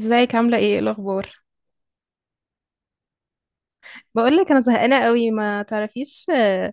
ازيك؟ عاملة ايه الأخبار؟ بقولك أنا زهقانة قوي ما تعرفيش.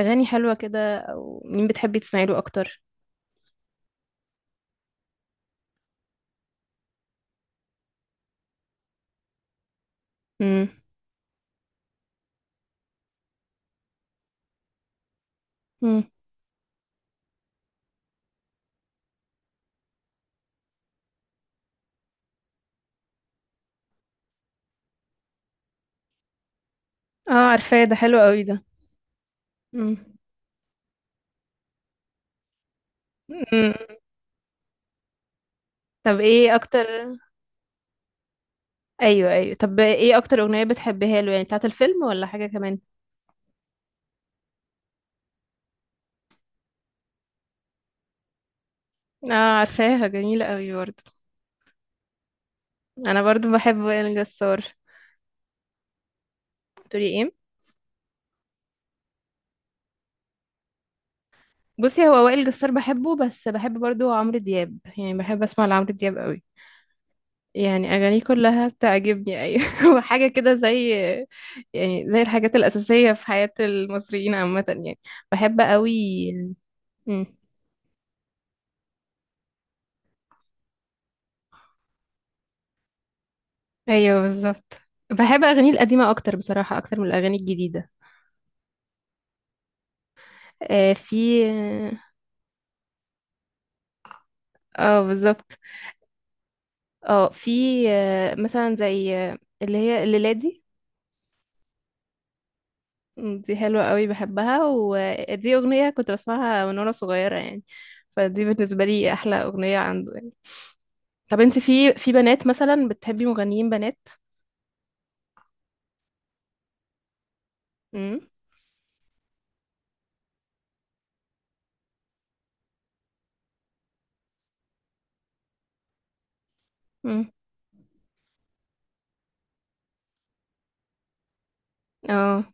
أغاني حلوة كده، أو مين بتحبي تسمعي له أكتر؟ مم. مم. اه، عارفاه، ده حلو قوي ده. مم. مم. طب ايه أكتر؟ أيوه أيوه، طب ايه أكتر أغنية بتحبيها له؟ يعني بتاعة الفيلم ولا حاجة كمان؟ اه عارفاها، جميلة قوي برضه. أنا برضه بحب وائل جسار. تقولي ايه؟ بصي، هو وائل جسار بحبه، بس بحب برضه عمرو دياب، يعني بحب أسمع لعمرو دياب قوي. يعني أغانيه كلها بتعجبني، أيوة. وحاجة كده زي، يعني زي الحاجات الأساسية في حياة المصريين عامة يعني. بحب قوي. مم. أيوة بالظبط. بحب أغانيه القديمة أكتر بصراحة، أكتر من الأغاني الجديدة. آه في اه. آه، بالظبط. اه في، آه مثلا زي اللي هي الليلة دي. دي حلوة قوي بحبها، ودي أغنية كنت بسمعها من وأنا صغيرة يعني. فدي بالنسبة لي أحلى أغنية عنده. طب انت، في بنات مثلا بتحبي مغنيين بنات؟ امم. امم. اه.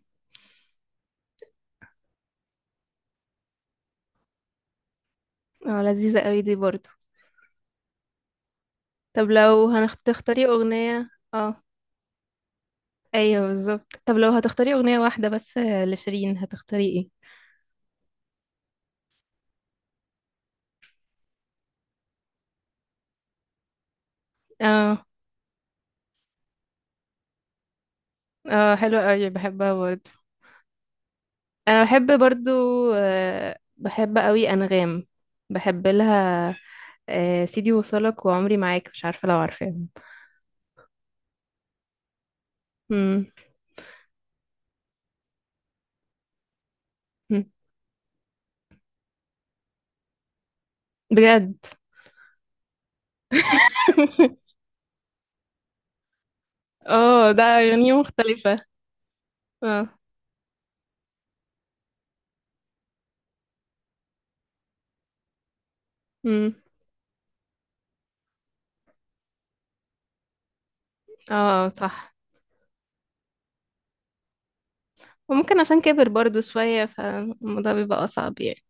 اه، لذيذة قوي دي برضو. طب لو هتختاري اغنية اه، ايوه بالظبط، طب لو هتختاري اغنية واحدة بس لشيرين هتختاري ايه؟ اه. اه، حلوة قوي بحبها برضو. انا بحب برضو، آه، بحب قوي انغام، بحب لها آه سيدي وصلك وعمري معاك، مش عارفة لو عارفاهم. امم. بجد؟ اه، ده اغانيه مختلفة. اه. امم. اه. اه، صح. وممكن عشان كبر برضو شوية، فالموضوع بيبقى أصعب يعني.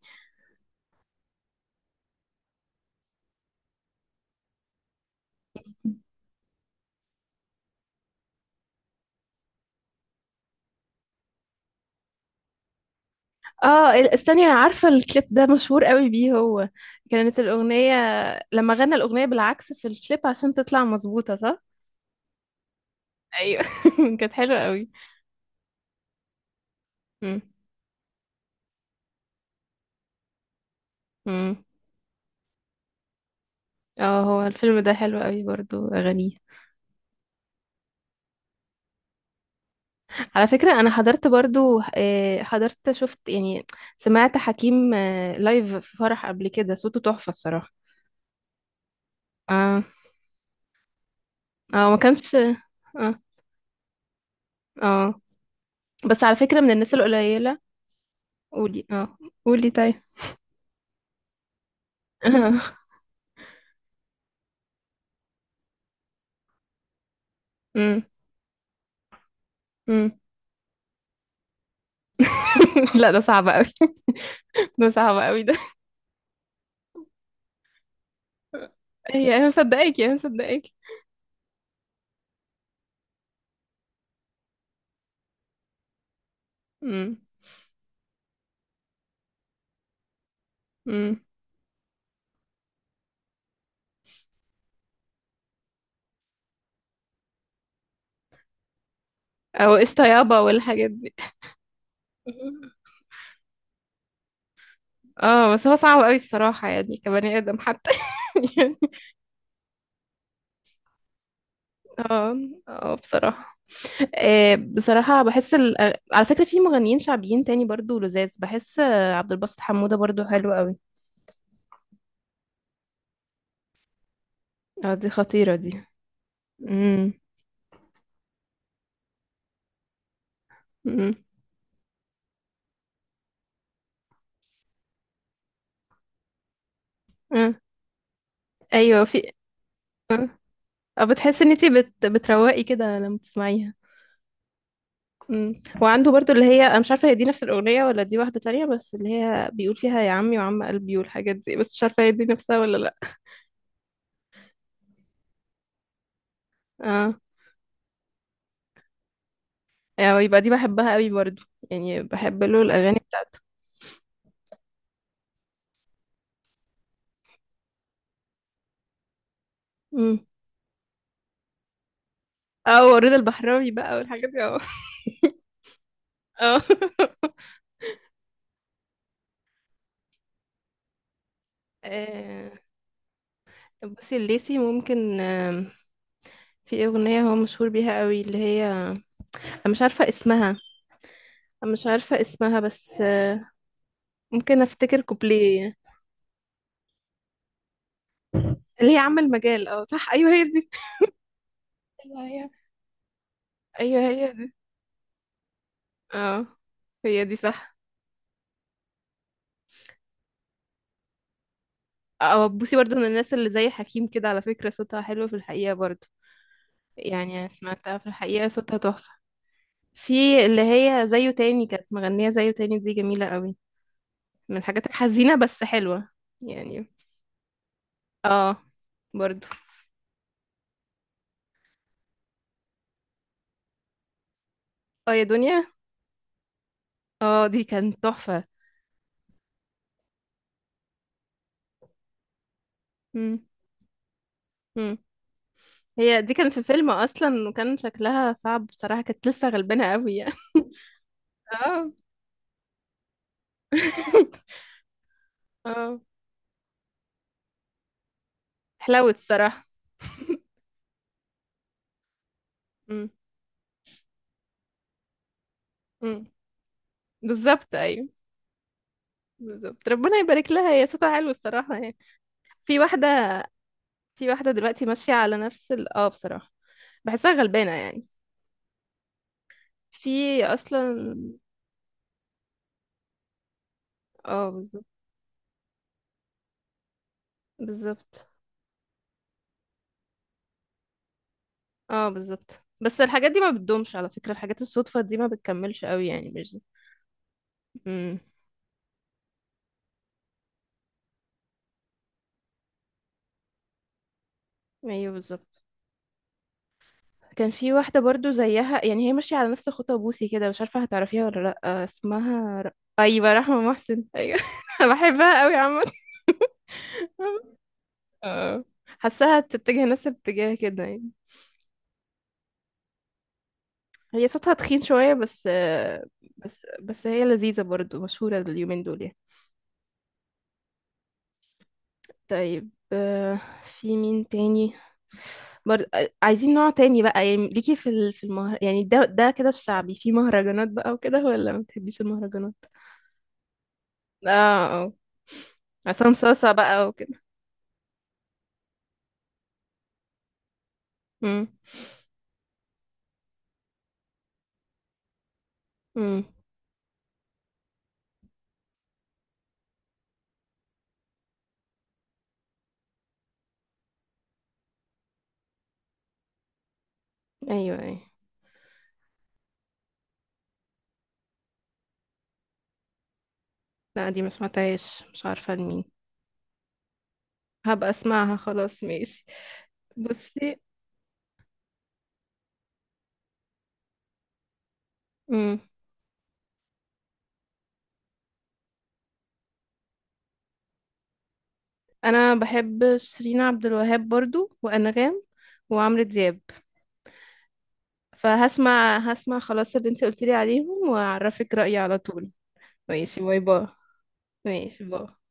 اه، استني، انا عارفة الكليب ده مشهور قوي بيه هو. كانت الأغنية لما غنى الأغنية بالعكس في الكليب عشان تطلع مظبوطة، صح؟ ايوه. كانت حلوة قوي. مم. مم. اه، هو الفيلم ده حلو قوي، برضو أغانيه. على فكرة أنا حضرت برضو، حضرت شفت يعني، سمعت حكيم لايف في فرح قبل كده، صوته تحفة الصراحة. اه. اه، ما كانش اه. اه، بس على فكرة من الناس القليلة. قولي اه. قولي طيب. امم. امم. لا، ده صعب قوي، ده صعب قوي ده. هي انا مصدقاكي، انا مصدقاكي. امم. امم. او قشطة يابا والحاجات دي. اه، بس هو صعب قوي الصراحة، يعني كبني آدم حتى. يعني. اه. اه بصراحة. آه بصراحة، بحس على فكرة في مغنيين شعبيين تاني برضو لذاذ، بحس عبد الباسط حمودة برضو حلو قوي. اه، دي خطيرة دي. امم. امم. آه. ايوه في. مم. أو بتحسي ان انتي بتروقي كده لما تسمعيها؟ مم. وعنده برضو، اللي هي انا مش عارفه هي دي نفس الاغنيه ولا دي واحده تانية، بس اللي هي بيقول فيها يا عمي وعم قلبي والحاجات دي، بس مش عارفه هي دي نفسها ولا لا. اه. يعني يبقى دي بحبها قوي برضو، يعني بحب له الاغاني بتاعته. امم. اه، ورضا البحراوي بقى والحاجات دي، اه. اه. آه، بصي الليسي ممكن، في اغنيه هو مشهور بيها قوي اللي هي، انا مش عارفه اسمها انا مش عارفه اسمها بس ممكن افتكر كوبليه. اللي هي عامة المجال، اه صح، ايوه هي دي. ايوه هي ايوه هي دي. اه. هي دي، صح. اه، بوسي برضه من الناس اللي زي حكيم كده، على فكرة صوتها حلو في الحقيقة برضه. يعني أنا سمعتها في الحقيقة، صوتها تحفة. في اللي هي زيه تاني، كانت مغنية زيه تاني، دي جميلة قوي، من الحاجات الحزينة بس حلوة يعني. اه. برضه. اه يا دنيا، اه دي كانت تحفة. مم. مم. هي دي كانت في فيلم اصلا، وكان شكلها صعب بصراحة، كانت لسه غلبانة قوي يعني. اه. اه، حلاوة الصراحة. امم. امم. بالظبط ايوه. بالظبط، ربنا يبارك لها، هي صوتها حلو الصراحة يعني. في واحدة في واحدة دلوقتي ماشية على نفس ال، اه بصراحة بحسها غلبانة يعني. في اصلا. اه بالظبط. بالظبط. اه بالظبط، بس الحاجات دي ما بتدومش على فكرة، الحاجات الصدفة دي ما بتكملش قوي يعني مش. امم. ايوه بالظبط. كان في واحدة برضو زيها يعني، هي ماشية على نفس خطى بوسي كده، مش عارفة هتعرفيها ولا لأ، اسمها أيوة رحمة محسن، أيوة. بحبها قوي عامة. اه، حاساها تتجه نفس الاتجاه كده يعني. هي صوتها تخين شوية بس بس هي لذيذة برضو، مشهورة اليومين دول يعني. طيب، في مين تاني برضه؟ عايزين نوع تاني بقى، يعني ليكي في المهر يعني، ده كده الشعبي، في مهرجانات بقى وكده، ولا ما بتحبيش المهرجانات؟ اه. اه. عصام صاصة بقى وكده. امم. امم. ايوه ايوه. لا، دي ما سمعتهاش، مش عارفة لمين. هبقى اسمعها خلاص، ماشي. بصي. امم. انا بحب شيرين عبد الوهاب برضو، وانغام، وعمرو دياب. فهسمع، هسمع خلاص اللي انت قلتيلي عليهم، واعرفك رأيي على طول. ماشي، باي باي. ماشي، باي.